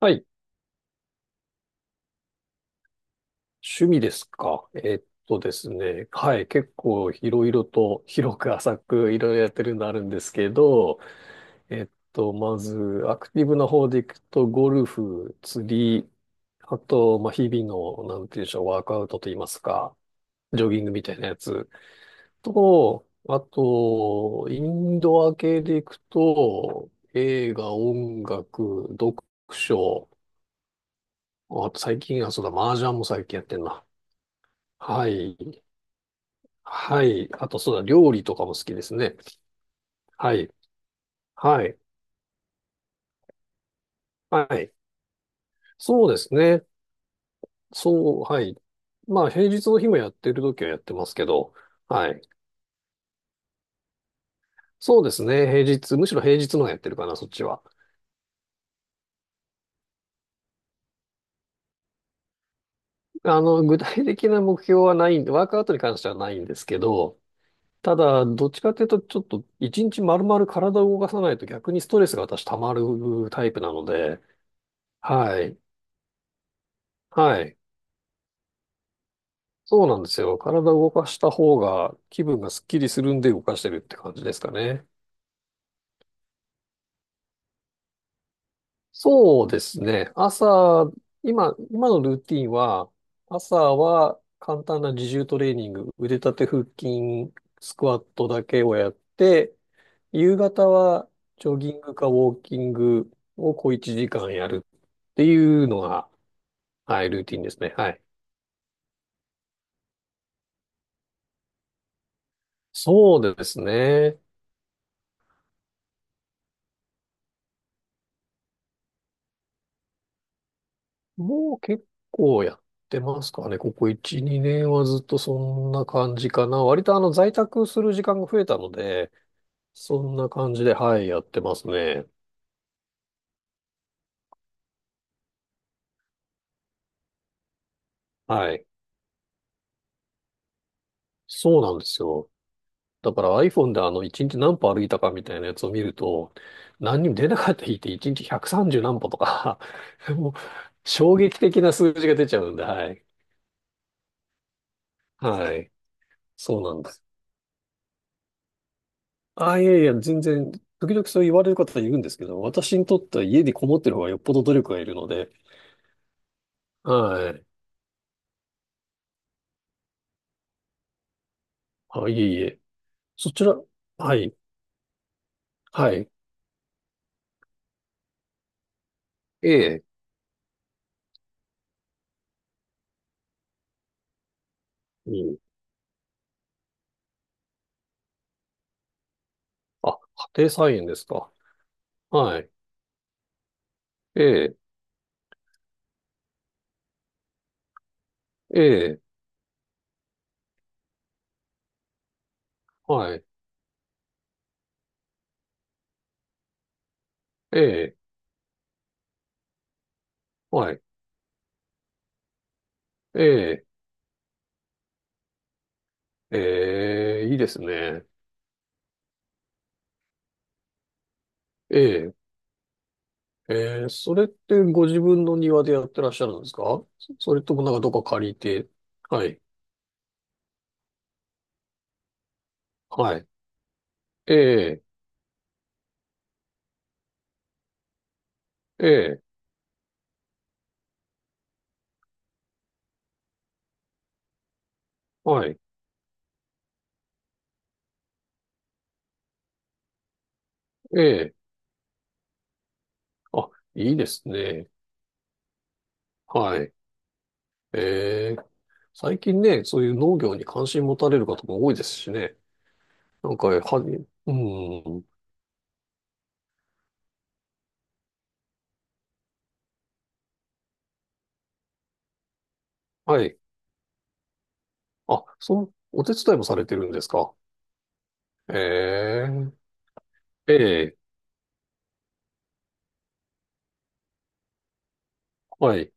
はい。趣味ですか。えっとですね。はい。結構いろいろと 広く浅くいろいろやってるのあるんですけど、まずアクティブな方でいくと、ゴルフ、釣り、あと、まあ、日々の、なんていうんでしょう、ワークアウトといいますか、ジョギングみたいなやつと、あと、インドア系でいくと、映画、音楽、読書、あと最近はそうだ、麻雀も最近やってんな。はい。はい。あと、そうだ、料理とかも好きですね。はい。はい。はい。そうですね。そう、はい。まあ、平日の日もやってる時はやってますけど、はい。そうですね。平日、むしろ平日の方がやってるかな、そっちは。具体的な目標はないんで、ワークアウトに関してはないんですけど、ただ、どっちかというと、ちょっと、一日丸々体を動かさないと逆にストレスが私溜まるタイプなので、はい。はい。そうなんですよ。体を動かした方が気分がスッキリするんで動かしてるって感じですかね。そうですね。朝、今のルーティンは、朝は簡単な自重トレーニング、腕立て腹筋、スクワットだけをやって、夕方はジョギングかウォーキングを小1時間やるっていうのが、はい、ルーティンですね。はい。そうですね。もう結構やってますかね。ここ1、2年はずっとそんな感じかな。割と在宅する時間が増えたので、そんな感じで、はい、やってますね。はい。そうなんですよ。だから iPhone で1日何歩歩いたかみたいなやつを見ると、何にも出なかった日って1日130何歩とか もう衝撃的な数字が出ちゃうんで、はい。はい。そうなんです。あ、いやいや、全然、時々そう言われる方いるんですけど、私にとっては家にこもってる方がよっぽど努力がいるので、はい。あ、いえいえ。そちら、はい、はい。ええ、うん。あ、家庭菜園ですか。はい。ええ、ええ、はい。ええ、はい。ええ、ええ、いいですね。ええ、ええ、それってご自分の庭でやってらっしゃるんですか。そそれともなんかどこか借りて。はい、はい。ええ、ええ、はい。ええあ、いいですね。はい。えー、最近ね、そういう農業に関心持たれる方も多いですしね。なんか、うん。はい。あ、そう、お手伝いもされてるんですか。えー、ええはい。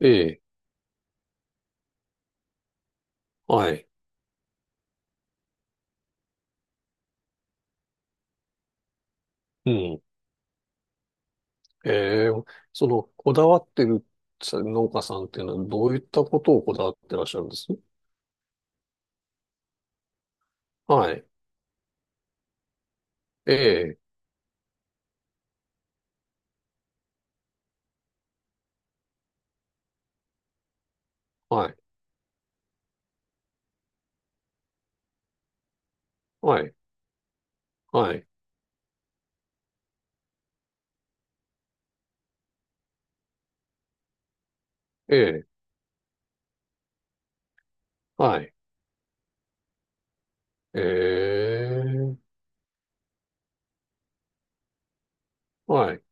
ええはい。うん。えー、その、こだわってる農家さんっていうのは、どういったことをこだわってらっしゃるんですはい。ええはい。はい。はい。ええはい。ええはい。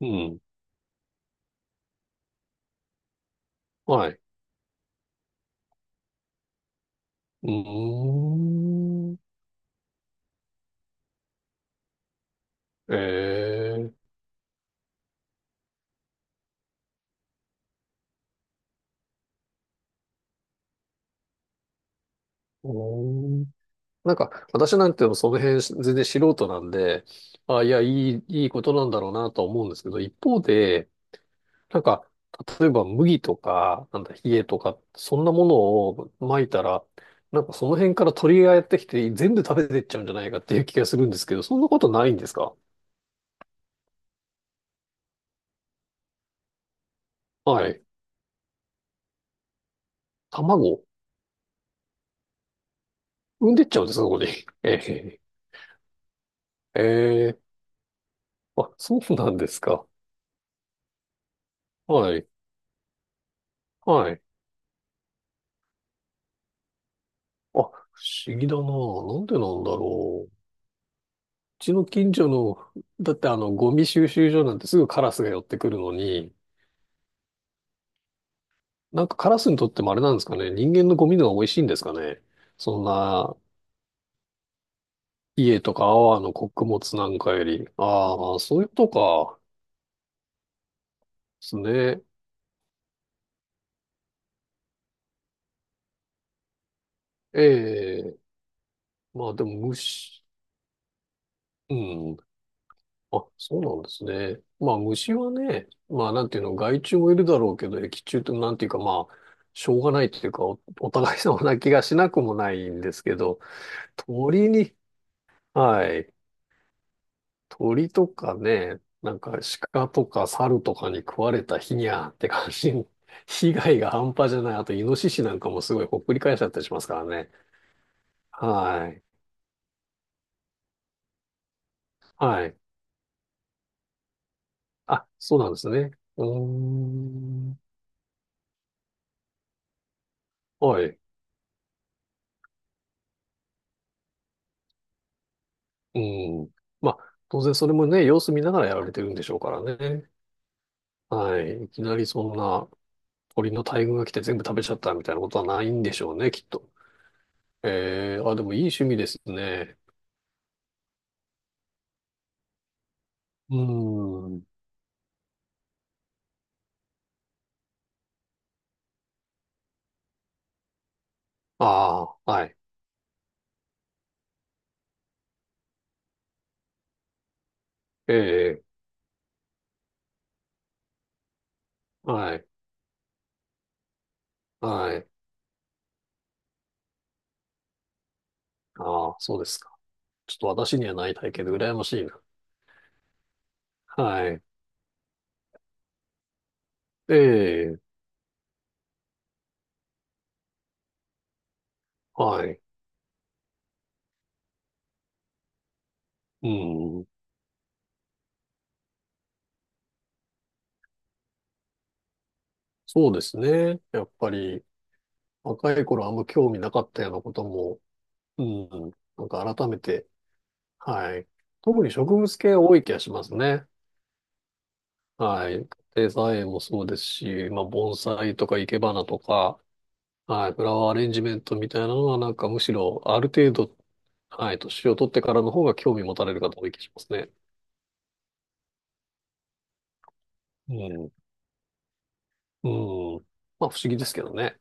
うん。はい。うーん。ええうーん。なんか、私なんてその辺全然素人なんで、あ、いや、いいことなんだろうなとは思うんですけど、一方で、なんか、例えば麦とか、なんだ、冷えとか、そんなものを撒いたら、なんかその辺から鳥がやってきて全部食べてっちゃうんじゃないかっていう気がするんですけど、そんなことないんですか。はい。卵産んでっちゃうんですか、ここに。ええええあ、そうなんですか。はい。はい。あ、不思議だな。なんでなんだろう。うちの近所の、だってゴミ収集所なんてすぐカラスが寄ってくるのに、なんかカラスにとってもあれなんですかね。人間のゴミの方が美味しいんですかね。そんな、家とか泡の穀物なんかより。ああ、そういうことか。ですね。ええまあでも虫、うん。あ、そうなんですね。まあ虫はね、まあなんていうの、害虫もいるだろうけど、益虫ってなんていうかまあ、しょうがないっていうか、お互い様な気がしなくもないんですけど、鳥に、はい、鳥とかね、なんか鹿とか猿とかに食われた日にゃーって感じ、被害が半端じゃない。あとイノシシなんかもすごいほっくり返しちゃったりしますからね。はい。はい。あ、そうなんですね。うーん。はい。うん。まあ、当然それもね、様子見ながらやられてるんでしょうからね。はい。いきなりそんな鳥の大群が来て全部食べちゃったみたいなことはないんでしょうね、きっと。えー、あ、でもいい趣味ですね。うーん。ああ、はい。ええ、はい。はい。ああ、そうですか。ちょっと私にはない体験で羨ましいな。はい。ええ、はい。うん。そうですね。やっぱり、若い頃あんま興味なかったようなことも、うん。なんか改めて、はい。特に植物系多い気がしますね。はい。家庭菜園もそうですし、まあ、盆栽とか生け花とか、はい。フラワーアレンジメントみたいなのは、なんかむしろ、ある程度、はい。年を取ってからの方が興味持たれる方多い気がしますね。うん。うん。まあ、不思議ですけどね。